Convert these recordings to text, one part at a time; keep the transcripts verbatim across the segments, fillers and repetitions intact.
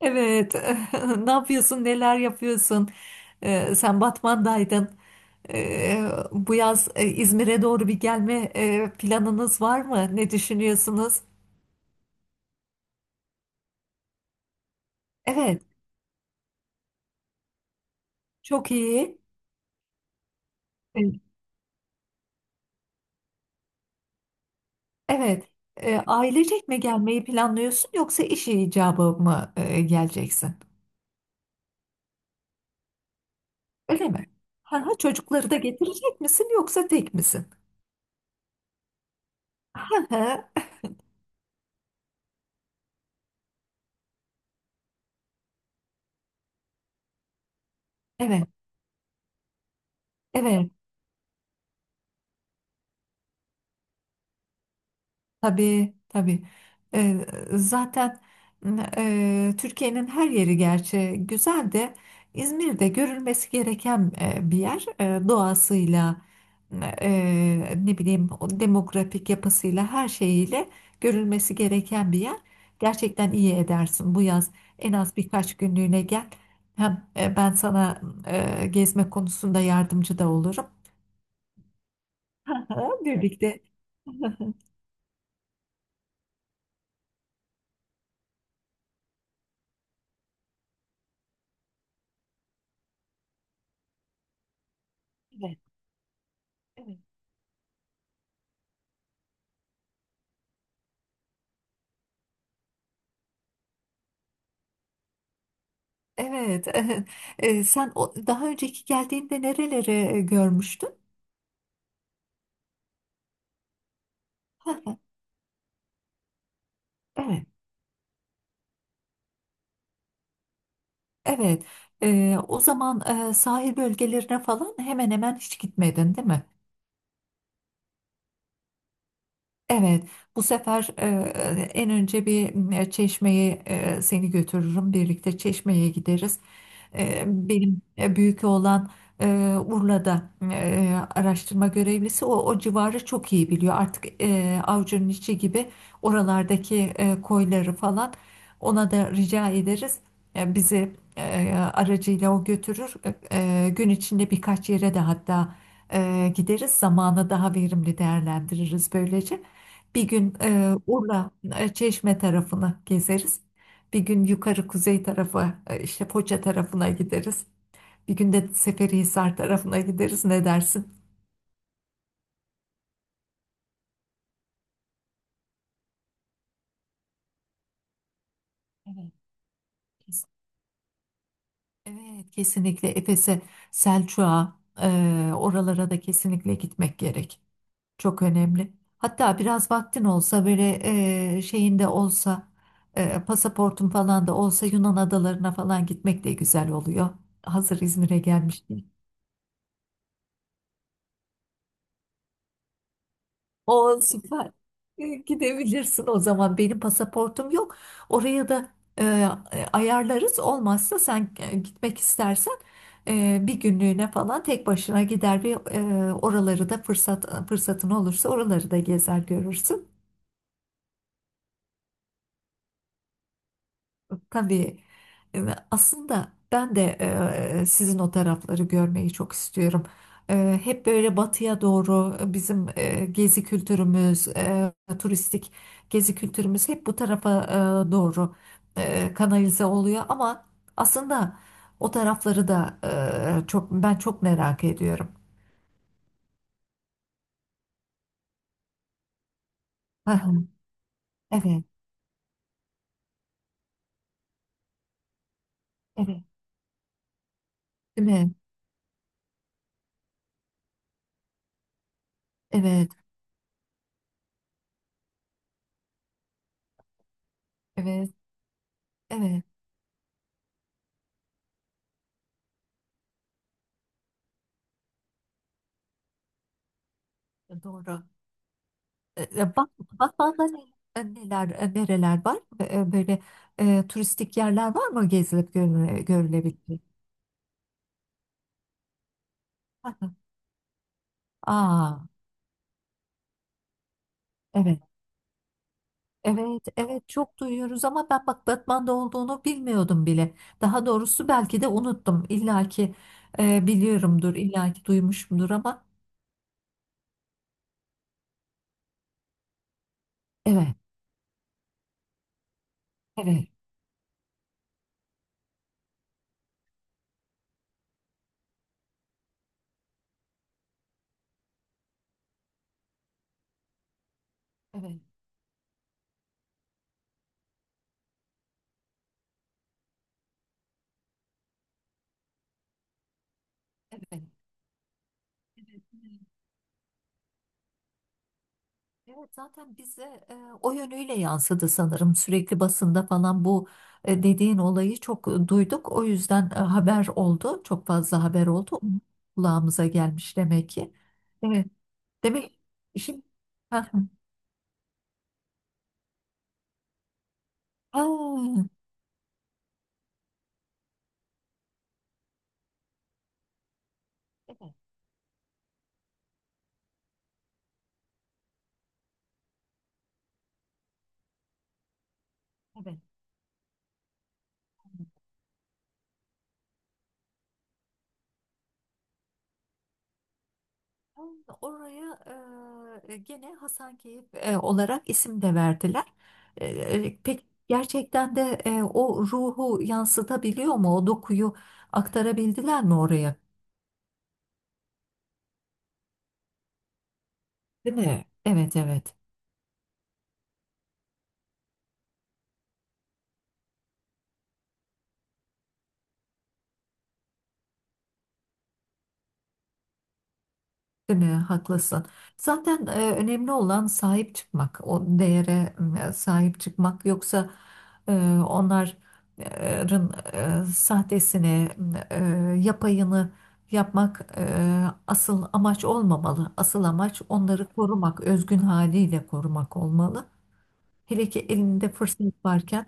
Evet. Ne yapıyorsun? Neler yapıyorsun? Ee, sen Batman'daydın. Ee, Bu yaz e, İzmir'e doğru bir gelme e, planınız var mı? Ne düşünüyorsunuz? Evet. Çok iyi. Evet. Evet. Ee, ailecek mi gelmeyi planlıyorsun yoksa iş icabı mı e, geleceksin? Öyle mi? Ha, çocukları da getirecek misin yoksa tek misin? Hı hı. Evet. Evet. Tabii tabii. Ee, Zaten e, Türkiye'nin her yeri gerçi güzel de İzmir'de görülmesi gereken e, bir yer, E, doğasıyla e, ne bileyim o demografik yapısıyla her şeyiyle görülmesi gereken bir yer. Gerçekten iyi edersin, bu yaz en az birkaç günlüğüne gel. Hem e, ben sana e, gezme konusunda yardımcı da olurum. Aha, birlikte. Evet. Evet. Eee, sen o daha önceki geldiğinde nereleri e, görmüştün? Heh, evet. Evet. Eee, o zaman e, sahil bölgelerine falan hemen hemen hiç gitmedin, değil mi? Evet, bu sefer e, en önce bir e, çeşmeye e, seni götürürüm. Birlikte çeşmeye gideriz. E, benim e, büyük oğlan e, Urla'da e, araştırma görevlisi. O, o civarı çok iyi biliyor. Artık e, avucunun içi gibi oralardaki e, koyları falan ona da rica ederiz. E, bizi e, aracıyla o götürür. E, e, gün içinde birkaç yere de hatta e, gideriz. Zamanı daha verimli değerlendiririz böylece. Bir gün e, Urla, e, Çeşme tarafını gezeriz. Bir gün yukarı kuzey tarafı, e, işte Foça tarafına gideriz. Bir gün de Seferihisar tarafına gideriz. Ne dersin? Evet, kesin. Evet, kesinlikle Efes'e, Selçuk'a, e, oralara da kesinlikle gitmek gerek. Çok önemli. Hatta biraz vaktin olsa böyle e, şeyin de olsa, e, pasaportun falan da olsa Yunan adalarına falan gitmek de güzel oluyor. Hazır İzmir'e gelmiş. O süper. E, Gidebilirsin o zaman. Benim pasaportum yok. Oraya da e, e, ayarlarız. Olmazsa sen e, gitmek istersen e, bir günlüğüne falan tek başına gider, bir e, oraları da fırsat fırsatın olursa oraları da gezer görürsün. Tabii, e, aslında ben de e, sizin o tarafları görmeyi çok istiyorum. E, Hep böyle batıya doğru bizim e, gezi kültürümüz, e, turistik gezi kültürümüz hep bu tarafa e, doğru e, kanalize oluyor. Ama aslında o tarafları da e, çok, ben çok merak ediyorum. Hı hı, evet, evet, değil mi? Evet, evet, evet. Doğru. Ee, E, Bak, Batman'da ne- e, neler, e, nereler var? E, e, Böyle e, turistik yerler var mı gezilip görüle- görülebilecek? Hı hı. Aa, evet, evet, evet çok duyuyoruz ama ben bak Batman'da olduğunu bilmiyordum bile. Daha doğrusu belki de unuttum. İlla ki e, biliyorumdur, illa ki duymuşumdur ama evet, evet, evet, evet. Evet, zaten bize e, o yönüyle yansıdı sanırım. Sürekli basında falan bu e, dediğin olayı çok e, duyduk. O yüzden e, haber oldu. Çok fazla haber oldu. Kulağımıza gelmiş demek ki. Evet. Demek şimdi, ha, ha. Evet, evet. Ha, oraya e, gene Hasankeyf e, olarak isim de verdiler. E, e, peki, gerçekten de e, o ruhu yansıtabiliyor mu? O dokuyu aktarabildiler mi oraya? Değil mi? Evet, evet. Değil mi? Haklısın. Zaten e, önemli olan sahip çıkmak, o değere e, sahip çıkmak. Yoksa e, onların e, sahtesini, e, yapayını yapmak e, asıl amaç olmamalı. Asıl amaç onları korumak, özgün haliyle korumak olmalı. Hele ki elinde fırsat varken.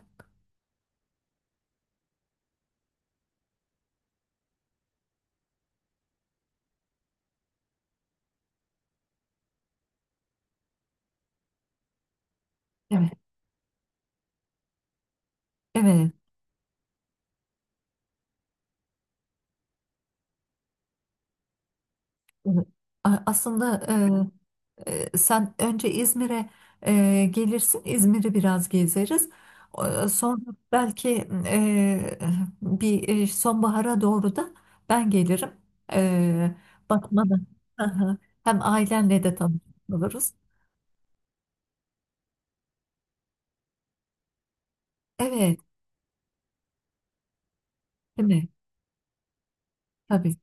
Evet, evet. A- Aslında e, e, sen önce İzmir'e e, gelirsin, İzmir'i biraz gezeriz. O- Sonra belki e, bir e, sonbahara doğru da ben gelirim. E, Bakmana. Hı hı. Hem ailenle de tanışmış oluruz. Evet, değil mi? Tabii.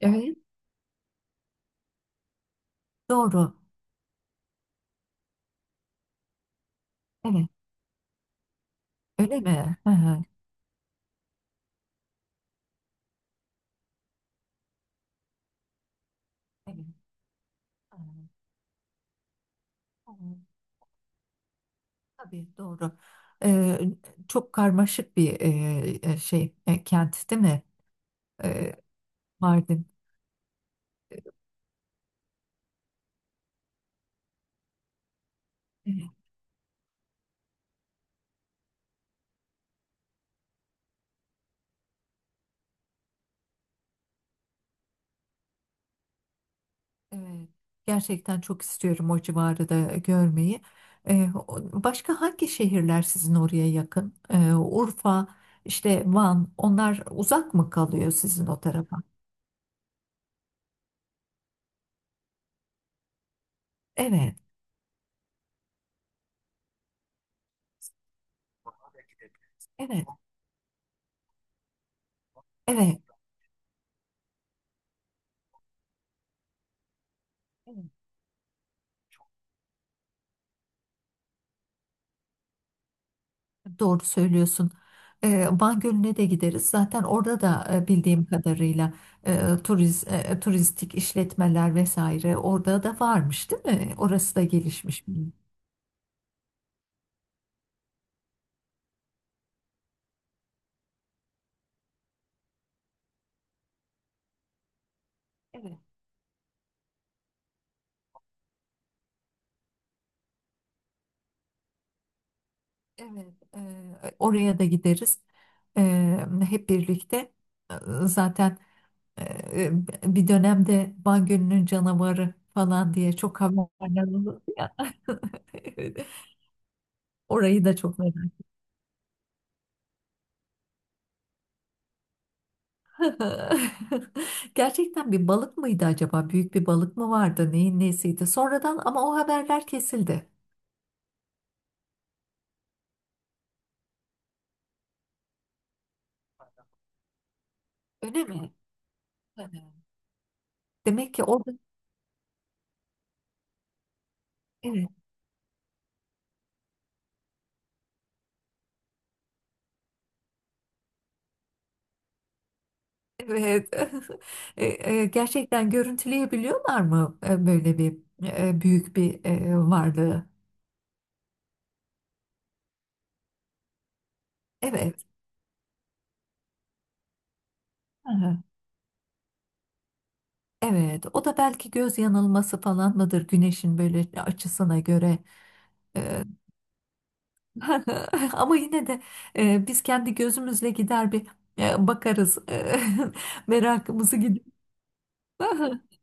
Evet, doğru. Evet, öyle mi? Hı hı. Evet. Hı hı. Tabii, doğru. Ee, Çok karmaşık bir e, e, şey, e, kent, değil mi? Ee, Mardin. Evet. Evet. Gerçekten çok istiyorum o civarı da görmeyi. Ee, o- başka hangi şehirler sizin oraya yakın? Ee, Urfa, işte Van, onlar uzak mı kalıyor sizin o tarafa? Evet, evet, evet. Doğru söylüyorsun. E, Van Gölü'ne de gideriz. Zaten orada da e, bildiğim kadarıyla e, turiz, e, turistik işletmeler vesaire orada da varmış, değil mi? Orası da gelişmiş. Evet, evet. E, oraya da gideriz. E, Hep birlikte. E, Zaten e, bir dönemde Van Gölü'nün canavarı falan diye çok haberler oldu ya. Evet. Orayı da çok merak. Gerçekten bir balık mıydı acaba? Büyük bir balık mı vardı? Neyin nesiydi? Sonradan ama o haberler kesildi. Öyle mi? Hani, demek ki orada, evet, evet. E, e, Gerçekten görüntüleyebiliyorlar mı e, böyle bir e, büyük bir e, varlığı? Evet. Hı hı. Evet, o da belki göz yanılması falan mıdır güneşin böyle açısına göre. E, Ama yine de e, biz kendi gözümüzle gider bir e, bakarız. Merakımızı gider.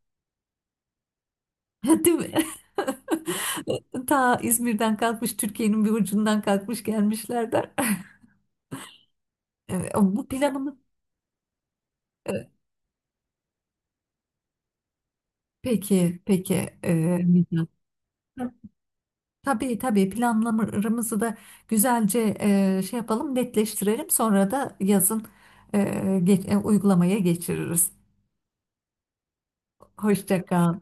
Değil mi? Ta İzmir'den kalkmış, Türkiye'nin bir ucundan kalkmış gelmişlerdir. E, Bu planımız, e, peki, peki, e, Mithat. Tabii, tabii planlarımızı da güzelce e, şey yapalım, netleştirelim. Sonra da yazın e, geç- e, uygulamaya geçiririz. Hoşça kal.